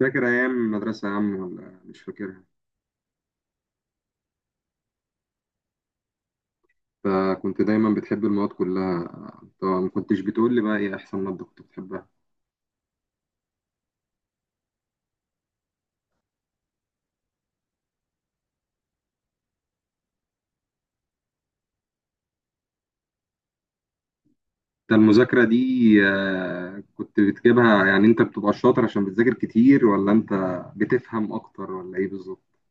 فاكر أيام المدرسة يا عم ولا مش فاكرها؟ أنت كنت دايما بتحب المواد كلها. طبعا ما كنتش بتقول لي بقى إيه أحسن مادة كنت بتحبها؟ أنت المذاكرة دي كنت بتجيبها، يعني أنت بتبقى شاطر عشان بتذاكر كتير، ولا أنت بتفهم أكتر ولا إيه بالظبط؟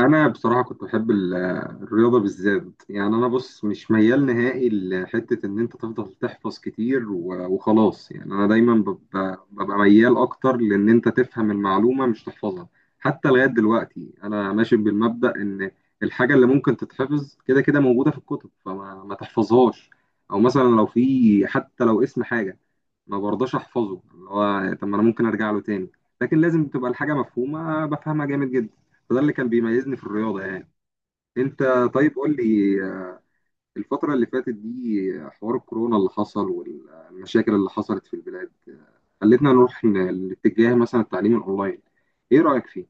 انا بصراحه كنت بحب الرياضه بالذات. يعني انا بص، مش ميال نهائي لحته ان انت تفضل تحفظ كتير وخلاص، يعني انا دايما ببقى ميال اكتر لان انت تفهم المعلومه مش تحفظها. حتى لغايه دلوقتي انا ماشي بالمبدا ان الحاجه اللي ممكن تتحفظ كده كده موجوده في الكتب، فما ما تحفظهاش، او مثلا لو في، حتى لو اسم حاجه، ما برضاش احفظه، اللي هو طب ما انا ممكن ارجع له تاني. لكن لازم تبقى الحاجه مفهومه، بفهمها جامد جدا. فده اللي كان بيميزني في الرياضة، يعني. انت طيب قول لي، آه، الفترة اللي فاتت دي، حوار الكورونا اللي حصل والمشاكل اللي حصلت في البلاد، خلتنا نروح لاتجاه مثلا التعليم الاونلاين. ايه رأيك فيه؟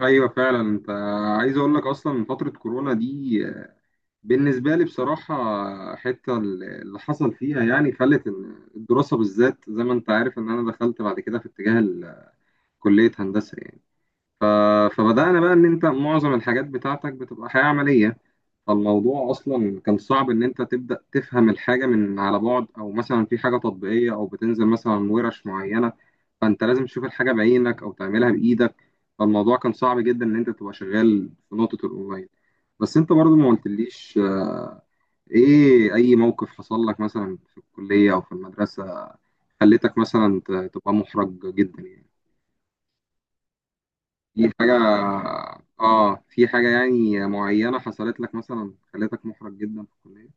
ايوه فعلا. انت عايز اقول لك، اصلا من فترة كورونا دي، بالنسبة لي بصراحة، حتة اللي حصل فيها يعني خلت إن الدراسة بالذات، زي ما انت عارف ان انا دخلت بعد كده في اتجاه كلية هندسة يعني. ف- فبدأنا بقى إن أنت معظم الحاجات بتاعتك بتبقى حياة عملية. فالموضوع أصلا كان صعب إن أنت تبدأ تفهم الحاجة من على بعد، أو مثلا في حاجة تطبيقية، أو بتنزل مثلا ورش معينة. فأنت لازم تشوف الحاجة بعينك أو تعملها بإيدك. فالموضوع كان صعب جدا إن أنت تبقى شغال في نقطة الأونلاين. بس أنت برضو ما قلتليش، إيه أي موقف حصل لك مثلا في الكلية أو في المدرسة خلتك مثلا تبقى محرج جدا يعني. في حاجة، اه، في حاجة يعني معينة حصلت لك مثلا خلتك محرج جدا في الكلية؟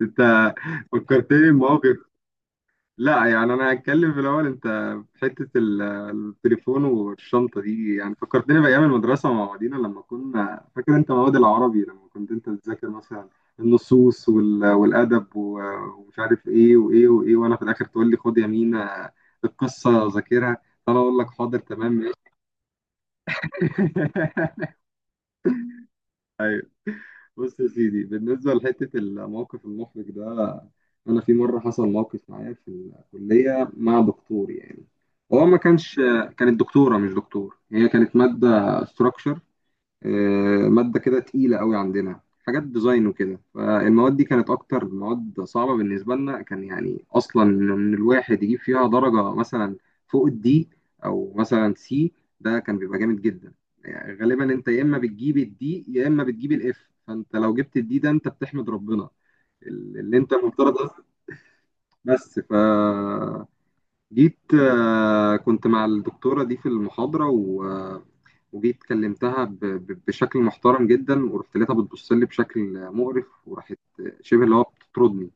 انت فكرتني بمواقف. لا يعني انا هتكلم في الاول. انت في حتة التليفون والشنطة دي يعني فكرتني بأيام المدرسة مع بعضينا لما كنا، فاكر انت مواد العربي لما كنت انت بتذاكر مثلا النصوص والأدب ومش عارف ايه وايه وايه، وانا في الآخر تقول لي خد يا مينا القصة ذاكرها، فانا اقول لك حاضر تمام ماشي. بص يا سيدي، بالنسبة لحتة الموقف المحرج ده، أنا في مرة حصل موقف معايا في الكلية مع دكتور يعني. هو ما كانش كانت دكتورة مش دكتور. هي كانت مادة ستراكشر، ماده كده تقيله قوي عندنا، حاجات ديزاين وكده. فالمواد دي كانت اكتر مواد صعبه بالنسبه لنا، كان يعني اصلا ان الواحد يجيب فيها درجه مثلا فوق الدي، او مثلا سي، ده كان بيبقى جامد جدا. يعني غالبا انت يا اما بتجيب الدي يا اما بتجيب الاف، فانت لو جبت الدي ده انت بتحمد ربنا اللي انت المفترض أصلاً. بس جيت، كنت مع الدكتورة دي في المحاضرة و... آه، وجيت كلمتها بشكل محترم جدا، ورحت لقيتها بتبص لي بشكل مقرف، وراحت شبه اللي هو بتطردني.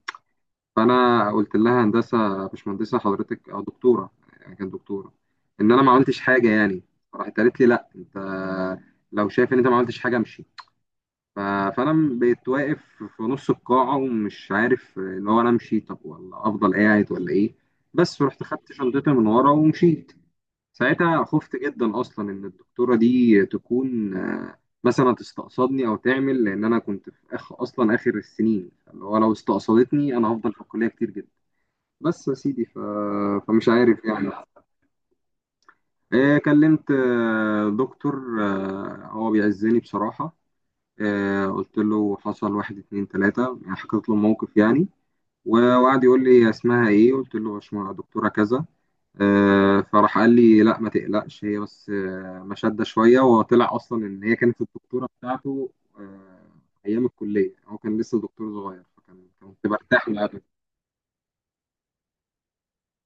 فأنا قلت لها هندسة يا باشمهندسة حضرتك أو دكتورة، يعني كانت دكتورة، إن أنا ما عملتش حاجة يعني. راحت قالت لي لا أنت لو شايف إن أنت ما عملتش حاجة امشي. ف- فانا بقيت واقف في نص القاعه ومش عارف اللي هو انا امشي طب ولا افضل قاعد ولا ايه. بس رحت خدت شنطتي من ورا ومشيت. ساعتها خفت جدا اصلا ان الدكتوره دي تكون، مثلا تستقصدني او تعمل، لان انا كنت في اخ اصلا اخر السنين، اللي هو لو استقصدتني انا هفضل في الكليه كتير جدا. بس يا سيدي فمش عارف يعني. كلمت دكتور، هو بيعزني بصراحه، قلت له حصل واحد اتنين تلاتة، يعني حكيت له الموقف يعني. وقعد يقول لي اسمها ايه، قلت له باشمهندس دكتورة كذا. فراح قال لي لا ما تقلقش، هي بس مشدة شوية، وطلع اصلا ان هي كانت الدكتورة بتاعته آه، ايام الكلية. هو كان لسه دكتور صغير فكان كنت برتاح له قبل.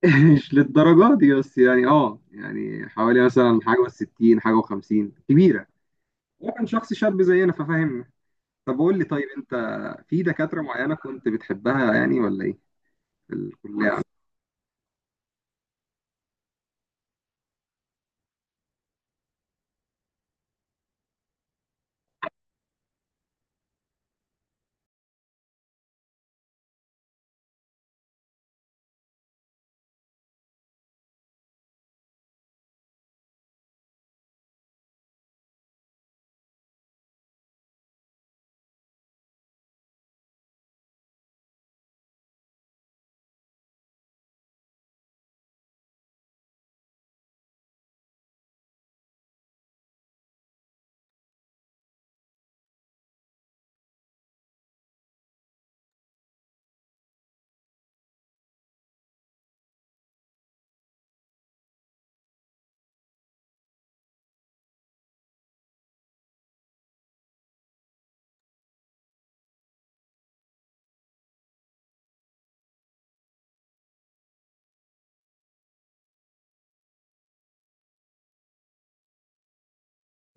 مش للدرجة دي، بس يعني اه، يعني حوالي مثلا حاجة و60 حاجة و50، كبيرة. هو كان شخص شاب زينا ففاهم. طب قول لي، طيب انت في دكاترة معينة كنت بتحبها يعني ولا ايه، في الكلية؟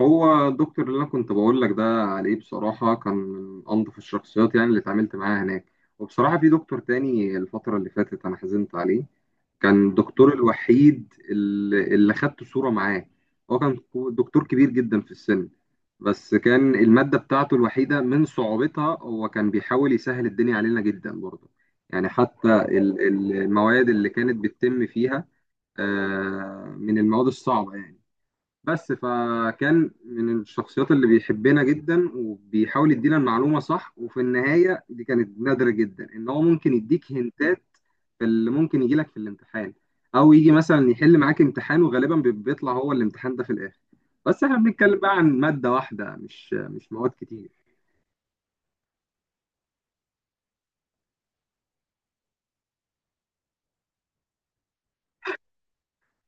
هو الدكتور اللي انا كنت بقول لك ده عليه بصراحه كان من انظف الشخصيات يعني اللي اتعاملت معاها هناك. وبصراحه في دكتور تاني الفتره اللي فاتت انا حزنت عليه، كان الدكتور الوحيد اللي خدت صوره معاه. هو كان دكتور كبير جدا في السن. بس كان الماده بتاعته الوحيده من صعوبتها، هو كان بيحاول يسهل الدنيا علينا جدا برضه. يعني حتى المواد اللي كانت بتتم فيها، من المواد الصعبه يعني. بس فكان من الشخصيات اللي بيحبنا جدا وبيحاول يدينا المعلومة صح. وفي النهاية دي كانت نادرة جدا ان هو ممكن يديك هنتات في اللي ممكن يجي لك في الامتحان، او يجي مثلا يحل معاك امتحان وغالبا بيطلع هو الامتحان ده في الاخر. بس احنا بنتكلم بقى عن مادة واحدة، مش مواد كتير.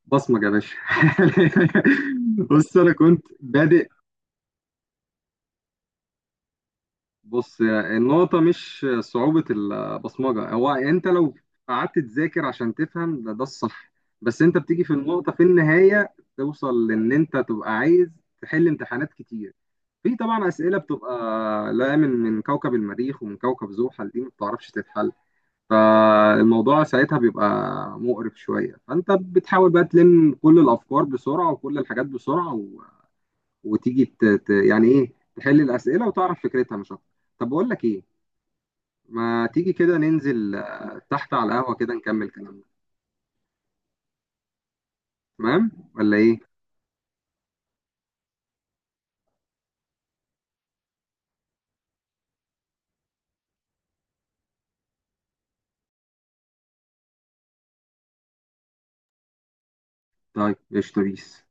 بصمج يا باشا. بص انا كنت بادئ. بص النقطة مش صعوبة البصمجة، هو أنت لو قعدت تذاكر عشان تفهم، ده الصح. بس أنت بتيجي في النقطة في النهاية، توصل لأن أنت تبقى عايز تحل امتحانات كتير. في طبعا أسئلة بتبقى لا، من كوكب المريخ ومن كوكب زحل، دي ما بتعرفش تتحل. فالموضوع ساعتها بيبقى مقرف شوية، فأنت بتحاول بقى تلم كل الأفكار بسرعة وكل الحاجات بسرعة وتيجي يعني إيه تحل الأسئلة وتعرف فكرتها مش أكتر. طب بقول لك إيه، ما تيجي كده ننزل تحت على القهوة كده نكمل كلامنا، تمام ولا ايه؟ طيب قشطة بيس.